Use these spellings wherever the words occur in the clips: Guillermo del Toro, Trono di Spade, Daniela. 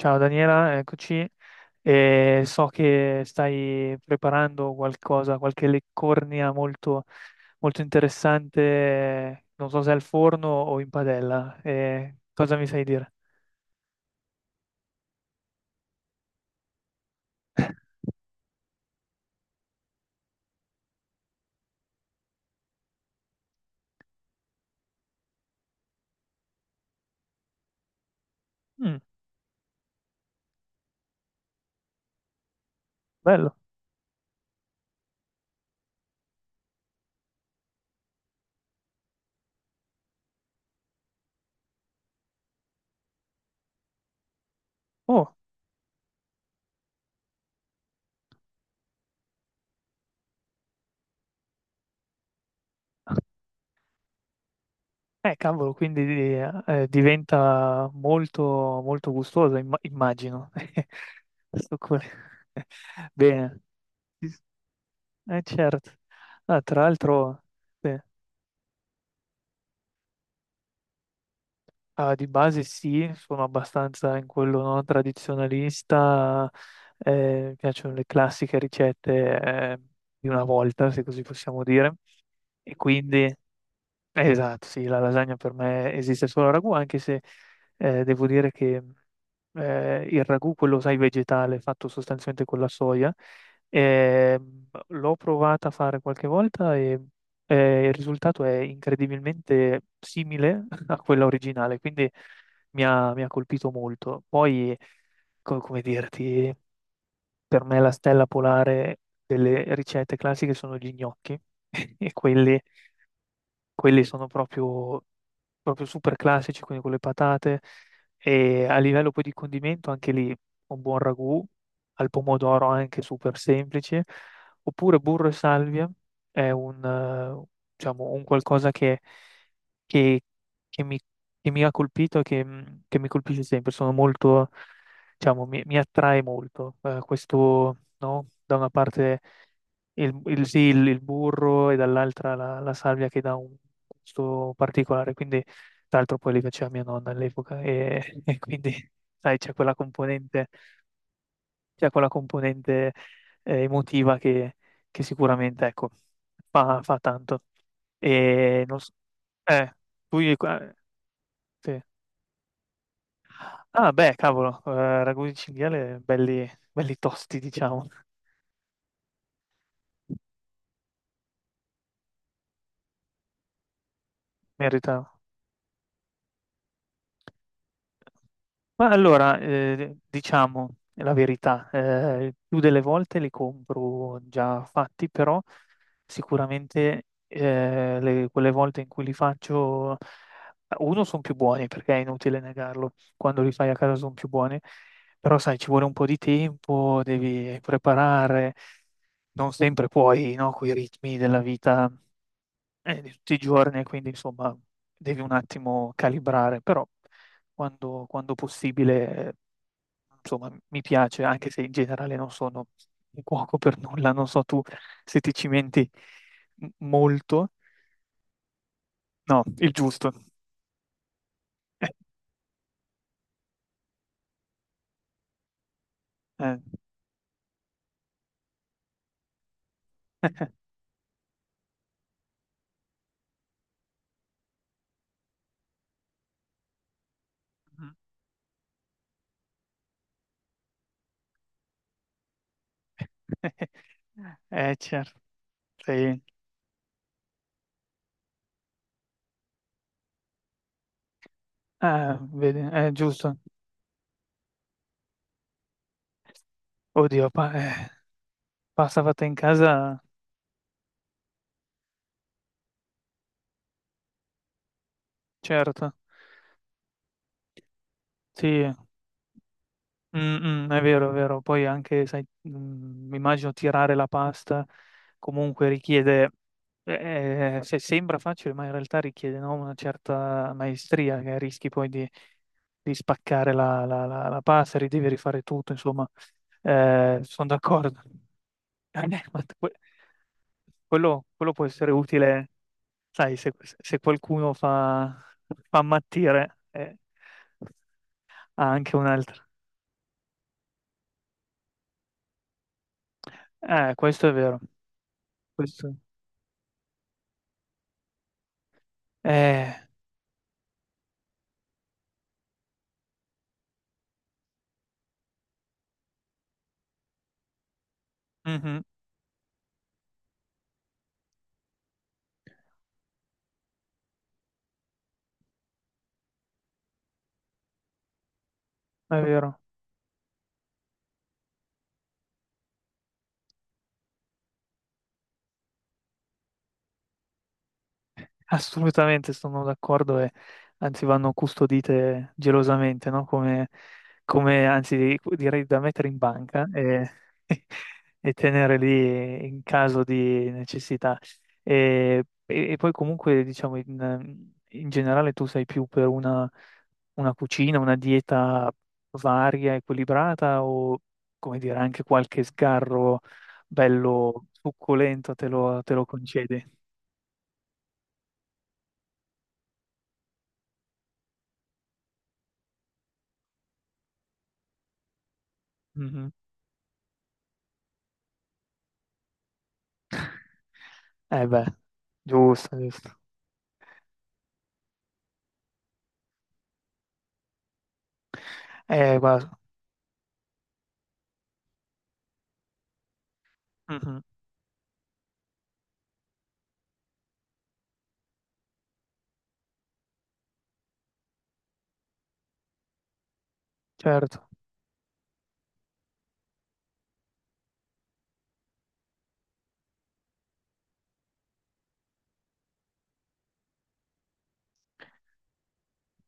Ciao Daniela, eccoci. E so che stai preparando qualcosa, qualche leccornia molto interessante, non so se al forno o in padella. Cosa mi sai dire? Mm, bello. Oh, cavolo, quindi diventa molto gustoso, immagino. Sto cu- Bene. Eh certo. Ah, tra l'altro sì, ah, di base sì, sono abbastanza in quello no, tradizionalista, mi piacciono le classiche ricette eh, di una volta, se così possiamo dire, e quindi esatto, sì, la lasagna per me esiste solo a ragù, anche se devo dire che il ragù, quello sai vegetale, fatto sostanzialmente con la soia, eh, l'ho provata a fare qualche volta e il risultato è incredibilmente simile a quella originale, quindi mi ha colpito molto. Poi, come dirti, per me la stella polare delle ricette classiche sono gli gnocchi e quelli. Quelli sono proprio super classici, quindi con le patate. E a livello poi di condimento, anche lì un buon ragù, al pomodoro anche super semplice. Oppure burro e salvia è un, diciamo, un qualcosa che- che mi, che mi ha colpito e che, che mi colpisce sempre. Sono molto, diciamo, mi attrae molto. Questo, no? Da una parte sì, il burro e dall'altra la salvia che dà un gusto particolare. Quindi, tra l'altro, poi li faceva mia nonna all'epoca e, e quindi, sai, c'è quella componente emotiva che sicuramente, ecco, fa tanto. E non so, eh, tu gli- eh, sì. Ah, beh, cavolo, ragù di cinghiale belli, belli tosti, diciamo. Merita. Ma allora, diciamo la verità, più delle volte li compro già fatti, però sicuramente quelle volte in cui li faccio, uno, sono più buoni, perché è inutile negarlo, quando li fai a casa sono più buoni, però sai, ci vuole un po' di tempo, devi preparare, non sempre puoi, no, coi ritmi della vita di tutti i giorni, e quindi insomma devi un attimo calibrare, però quando possibile, insomma, mi piace, anche se in generale non sono un cuoco per nulla, non so tu se ti cimenti molto. No, il giusto. Eh, eh. Certo, sì. Ah, vedi, è giusto. Oddio, pasta fatta in casa, certo. Sì, mm, mm, è vero, è vero. Poi anche, sai, mm, mi immagino tirare la pasta comunque richiede, se sembra facile, ma in realtà richiede, no, una certa maestria che rischi poi di spaccare la pasta, devi rifare tutto, insomma. Sono d'accordo. Eh, ma que- quello può essere utile, sai, se qualcuno fa ammattire, ha anche un'altra. Questo è vero. Questo. Eh, mhm, è vero. Assolutamente sono d'accordo e anzi vanno custodite gelosamente, no? Anzi direi da mettere in banca e, e tenere lì in caso di necessità. E poi comunque diciamo in generale tu sei più per una cucina, una dieta varia, equilibrata o come dire anche qualche sgarro bello succulento te lo concedi? Eh beh, giusto, giusto. Guarda, mhm, certo,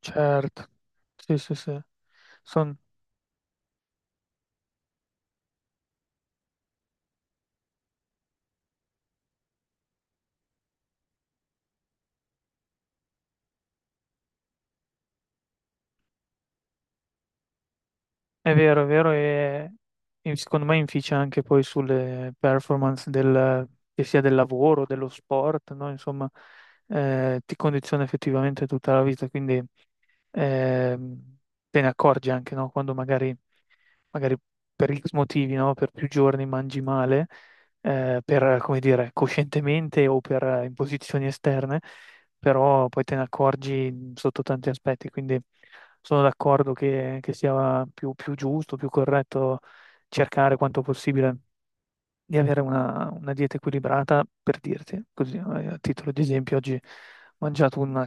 certo. Sì, sì, sì. Sono è vero, è vero e secondo me inficia anche poi sulle performance del, che sia del lavoro, dello sport, no? Insomma, ti condiziona effettivamente tutta la vita, quindi ehm, te ne accorgi anche, no? Quando magari, magari per X motivi, no? Per più giorni mangi male, come dire, coscientemente o per imposizioni esterne, però poi te ne accorgi sotto tanti aspetti, quindi sono d'accordo che sia più giusto, più corretto cercare quanto possibile di avere una dieta equilibrata, per dirti, così, a titolo di esempio, oggi ho mangiato una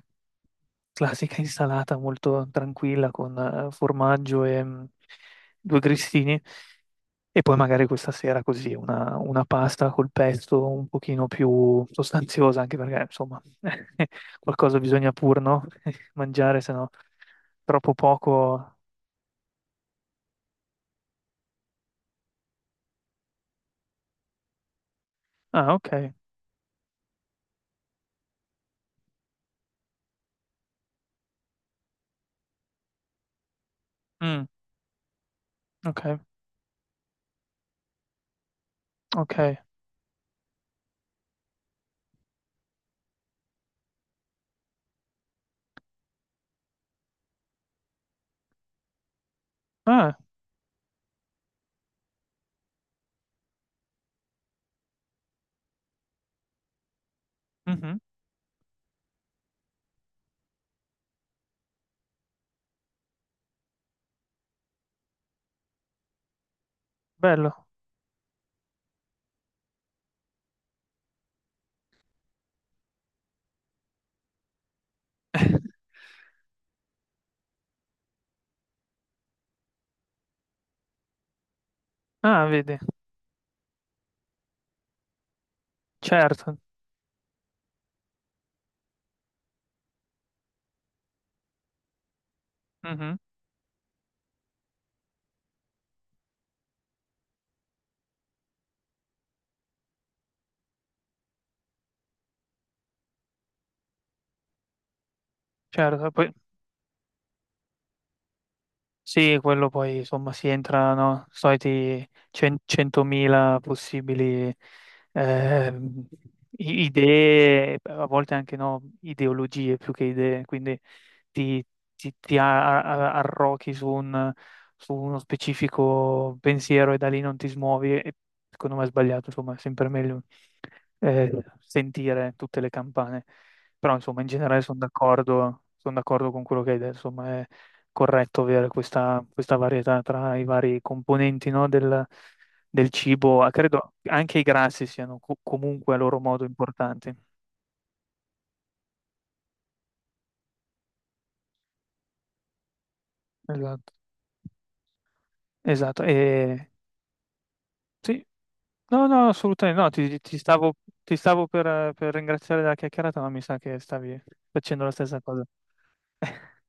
classica insalata molto tranquilla con formaggio e mm, due grissini e poi magari questa sera così una pasta col pesto un pochino più sostanziosa, anche perché insomma qualcosa bisogna pur, no? Mangiare, se no troppo poco. Ah, ok. Mm, ok, ok. Ah, mhm, bello. Ah, vedi, certo. Mhm, certo. Poi, sì, quello poi, insomma, si entra, no? Soliti 100.000 possibili ehm, idee, a volte anche, no, ideologie più che idee, quindi ti, ti arrochi su un, su uno specifico pensiero e da lì non ti smuovi e secondo me è sbagliato, insomma, è sempre meglio eh, sentire tutte le campane. Però, insomma, in generale sono d'accordo con quello che hai detto, insomma, è corretto avere questa, questa varietà tra i vari componenti, no, del, del cibo. Ah, credo anche i grassi siano comunque a loro modo importanti. Esatto, esatto. E, sì, no, no, assolutamente no, ti stavo per ringraziare della chiacchierata, ma mi sa che stavi facendo la stessa cosa.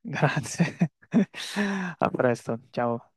Grazie. A presto, ciao.